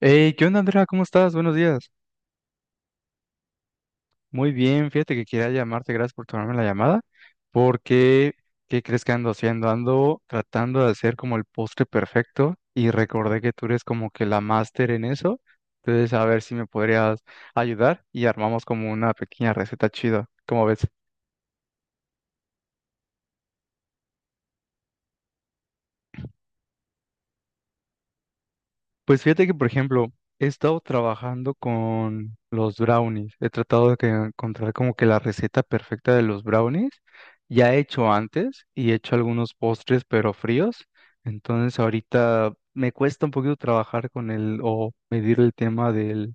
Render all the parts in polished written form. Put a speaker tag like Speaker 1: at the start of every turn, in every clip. Speaker 1: Hey, ¿qué onda, Andrea? ¿Cómo estás? Buenos días. Muy bien, fíjate que quería llamarte, gracias por tomarme la llamada, porque ¿qué crees que ando haciendo? Ando tratando de hacer como el postre perfecto y recordé que tú eres como que la máster en eso, entonces a ver si me podrías ayudar y armamos como una pequeña receta chida. ¿Cómo ves? Pues fíjate que, por ejemplo, he estado trabajando con los brownies. He tratado de encontrar como que la receta perfecta de los brownies. Ya he hecho antes y he hecho algunos postres, pero fríos. Entonces ahorita me cuesta un poquito trabajar con el o medir el tema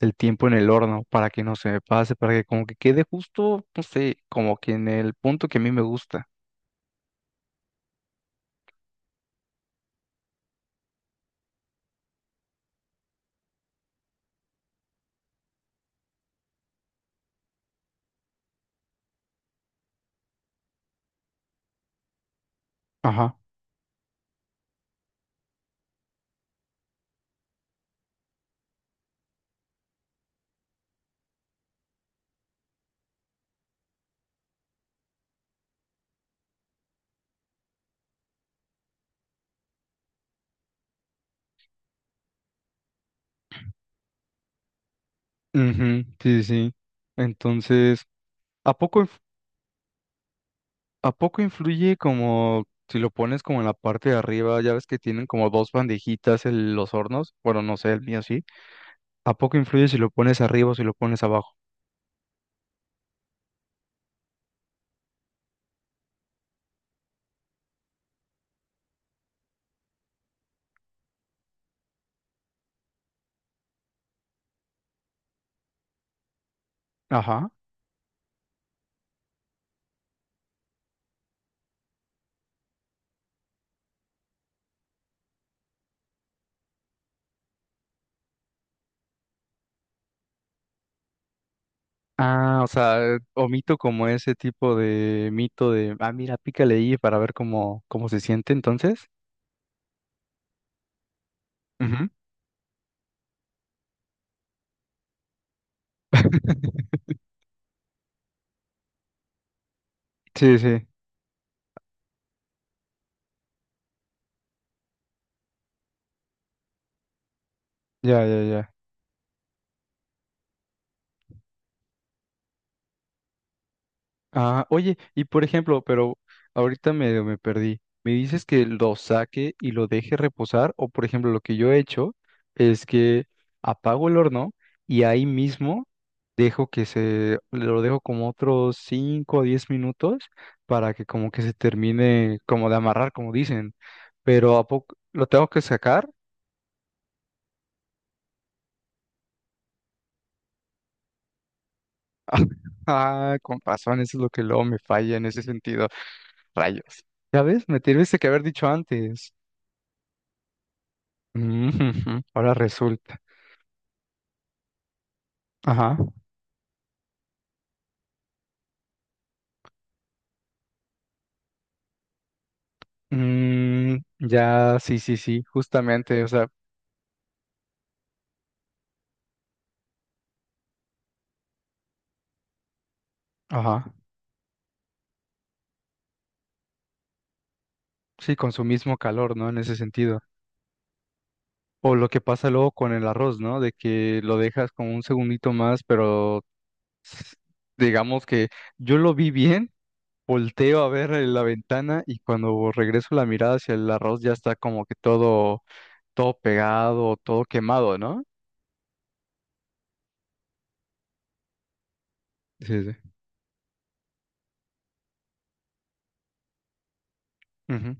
Speaker 1: del tiempo en el horno para que no se me pase, para que como que quede justo, no sé, como que en el punto que a mí me gusta. Ajá. Ujú, sí, sí. Entonces, ¿a poco? ¿A poco influye como si lo pones como en la parte de arriba? Ya ves que tienen como dos bandejitas los hornos. Bueno, no sé, el mío sí. ¿A poco influye si lo pones arriba o si lo pones abajo? Ajá. Ah, o sea, omito como ese tipo de mito de, ah, mira, pícale ahí para ver cómo se siente entonces. Ujú. Sí, sí, ya, ya, ya. Ah, oye, y por ejemplo, pero ahorita medio me perdí. ¿Me dices que lo saque y lo deje reposar? O por ejemplo, lo que yo he hecho es que apago el horno y ahí mismo dejo que lo dejo como otros 5 o 10 minutos para que como que se termine como de amarrar, como dicen. Pero ¿a poco lo tengo que sacar? Ah, con razón, eso es lo que luego me falla en ese sentido. Rayos. ¿Sabes? Me tuviste que haber dicho antes. Ujú, ahora resulta. Ajá. Mm, ya, sí, sí, sí, justamente, o sea, ajá. Sí, con su mismo calor, ¿no? En ese sentido. O lo que pasa luego con el arroz, ¿no? De que lo dejas como un segundito más, pero digamos que yo lo vi bien, volteo a ver en la ventana y cuando regreso la mirada hacia el arroz ya está como que todo pegado, todo quemado, ¿no? Sí, sí. Ujú.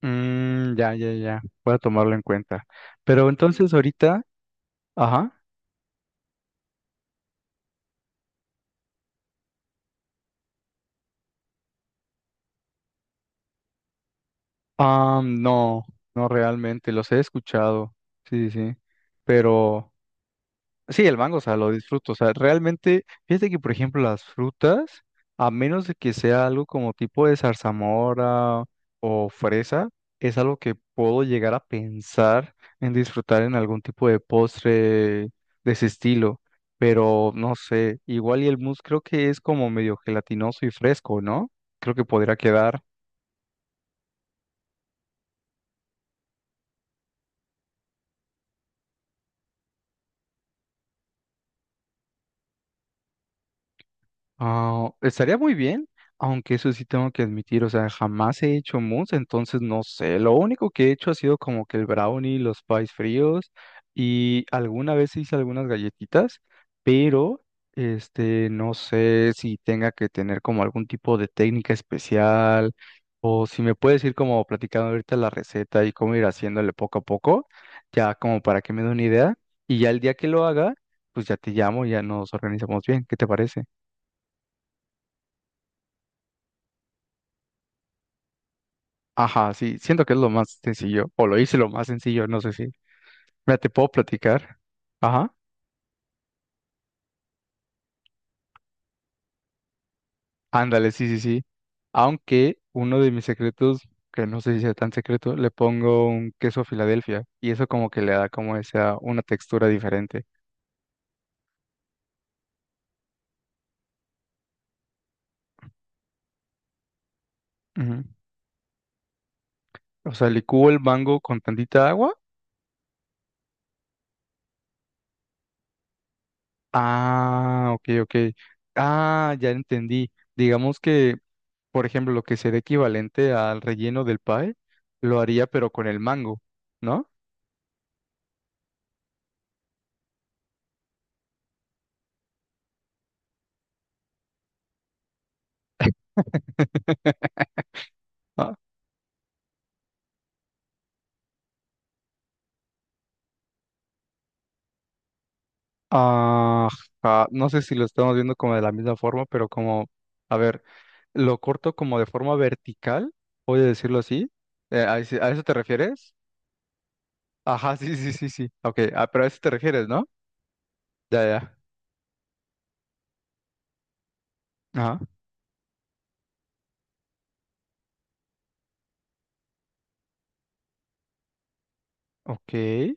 Speaker 1: Mm, ya, ya, ya. Voy a tomarlo en cuenta. Pero entonces ahorita ajá. Ah, no, no realmente, los he escuchado. Sí, sí, sí. Pero sí, el mango, o sea, lo disfruto. O sea, realmente, fíjate que, por ejemplo, las frutas, a menos de que sea algo como tipo de zarzamora o fresa, es algo que puedo llegar a pensar en disfrutar en algún tipo de postre de ese estilo. Pero no sé, igual y el mousse creo que es como medio gelatinoso y fresco, ¿no? Creo que podría quedar. Ah, estaría muy bien, aunque eso sí tengo que admitir, o sea, jamás he hecho mousse, entonces no sé, lo único que he hecho ha sido como que el brownie, los pies fríos y alguna vez hice algunas galletitas, pero no sé si tenga que tener como algún tipo de técnica especial o si me puedes ir como platicando ahorita la receta y cómo ir haciéndole poco a poco, ya como para que me dé una idea y ya el día que lo haga, pues ya te llamo, ya nos organizamos bien, ¿qué te parece? Ajá, sí, siento que es lo más sencillo, o lo hice lo más sencillo, no sé si. Mira, te puedo platicar. Ajá, ándale, sí, sí, sí. Aunque uno de mis secretos, que no sé si sea tan secreto, le pongo un queso Filadelfia y eso como que le da como esa, una textura diferente. Ujú. O sea, licúo el mango con tantita agua. Ah, ok, ok. Ah, ya entendí. Digamos que, por ejemplo, lo que sería equivalente al relleno del pie, lo haría pero con el mango, ¿no? Ah, ajá, no sé si lo estamos viendo como de la misma forma, pero como, a ver, lo corto como de forma vertical, voy a decirlo así. ¿ A eso te refieres? Ajá, sí, sí, sí, sí. Ok, ah, pero a eso te refieres, ¿no? Ya, ya. Ajá, ok.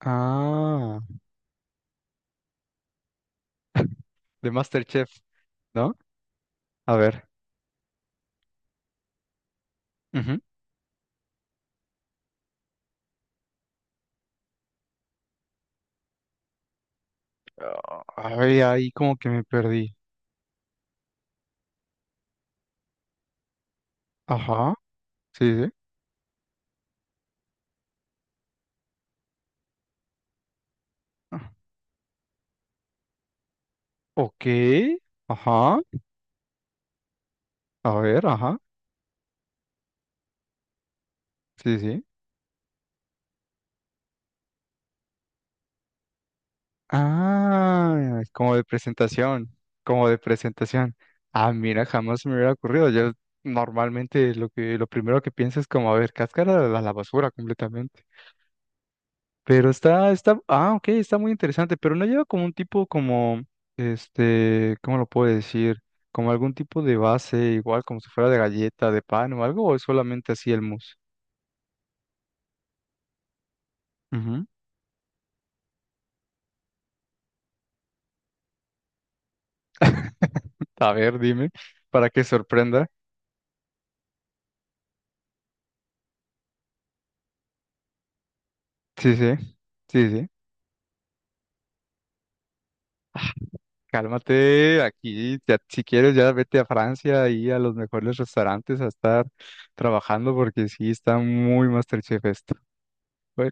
Speaker 1: Ah, de MasterChef, ¿no? A ver. Ujú. Ah, ay, ahí como que me perdí. Ajá, sí, sí. Ah, ok, ajá, a ver, ajá, sí, sí. Ah, como de como de presentación. Ah, mira, jamás me hubiera ocurrido. Yo normalmente lo lo primero que pienso es como, a ver, cáscara a la basura completamente. Pero está, ah, ok, está muy interesante, pero no lleva como un tipo como, este, ¿cómo lo puedo decir? Como algún tipo de base, igual como si fuera de galleta, de pan o algo, o es solamente así el mousse. Ujú. A ver, dime, para que sorprenda. Sí, sí, sí, sí. Cálmate, aquí, ya, si quieres, ya vete a Francia, y a los mejores restaurantes a estar trabajando, porque sí está muy MasterChef esto. Bueno,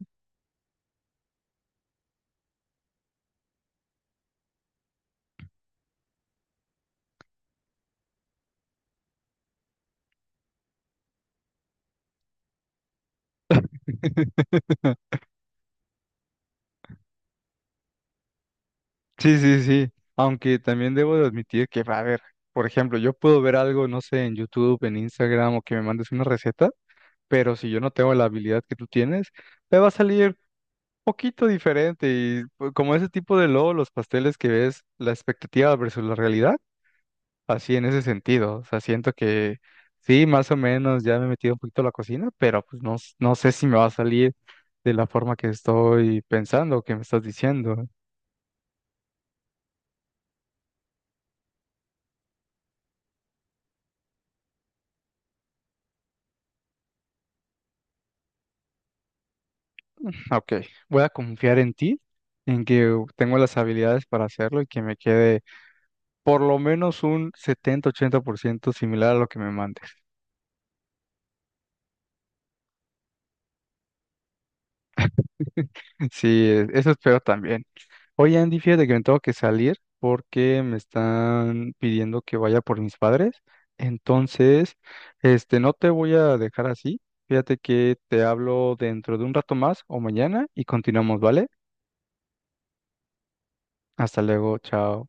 Speaker 1: sí, sí, sí. Aunque también debo de admitir que, a ver, por ejemplo, yo puedo ver algo, no sé, en YouTube, en Instagram, o que me mandes una receta, pero si yo no tengo la habilidad que tú tienes, me va a salir poquito diferente. Y pues, como ese tipo de logo, los pasteles que ves, la expectativa versus la realidad. Así en ese sentido. O sea, siento que sí, más o menos ya me he metido un poquito a la cocina, pero pues no, no sé si me va a salir de la forma que estoy pensando, o que me estás diciendo. Ok, voy a confiar en ti, en que tengo las habilidades para hacerlo y que me quede por lo menos un 70-80% similar a lo que me mandes. Sí, eso espero también. Oye, Andy, fíjate que me tengo que salir porque me están pidiendo que vaya por mis padres. Entonces, este, no te voy a dejar así. Fíjate que te hablo dentro de un rato más o mañana y continuamos, ¿vale? Hasta luego, chao.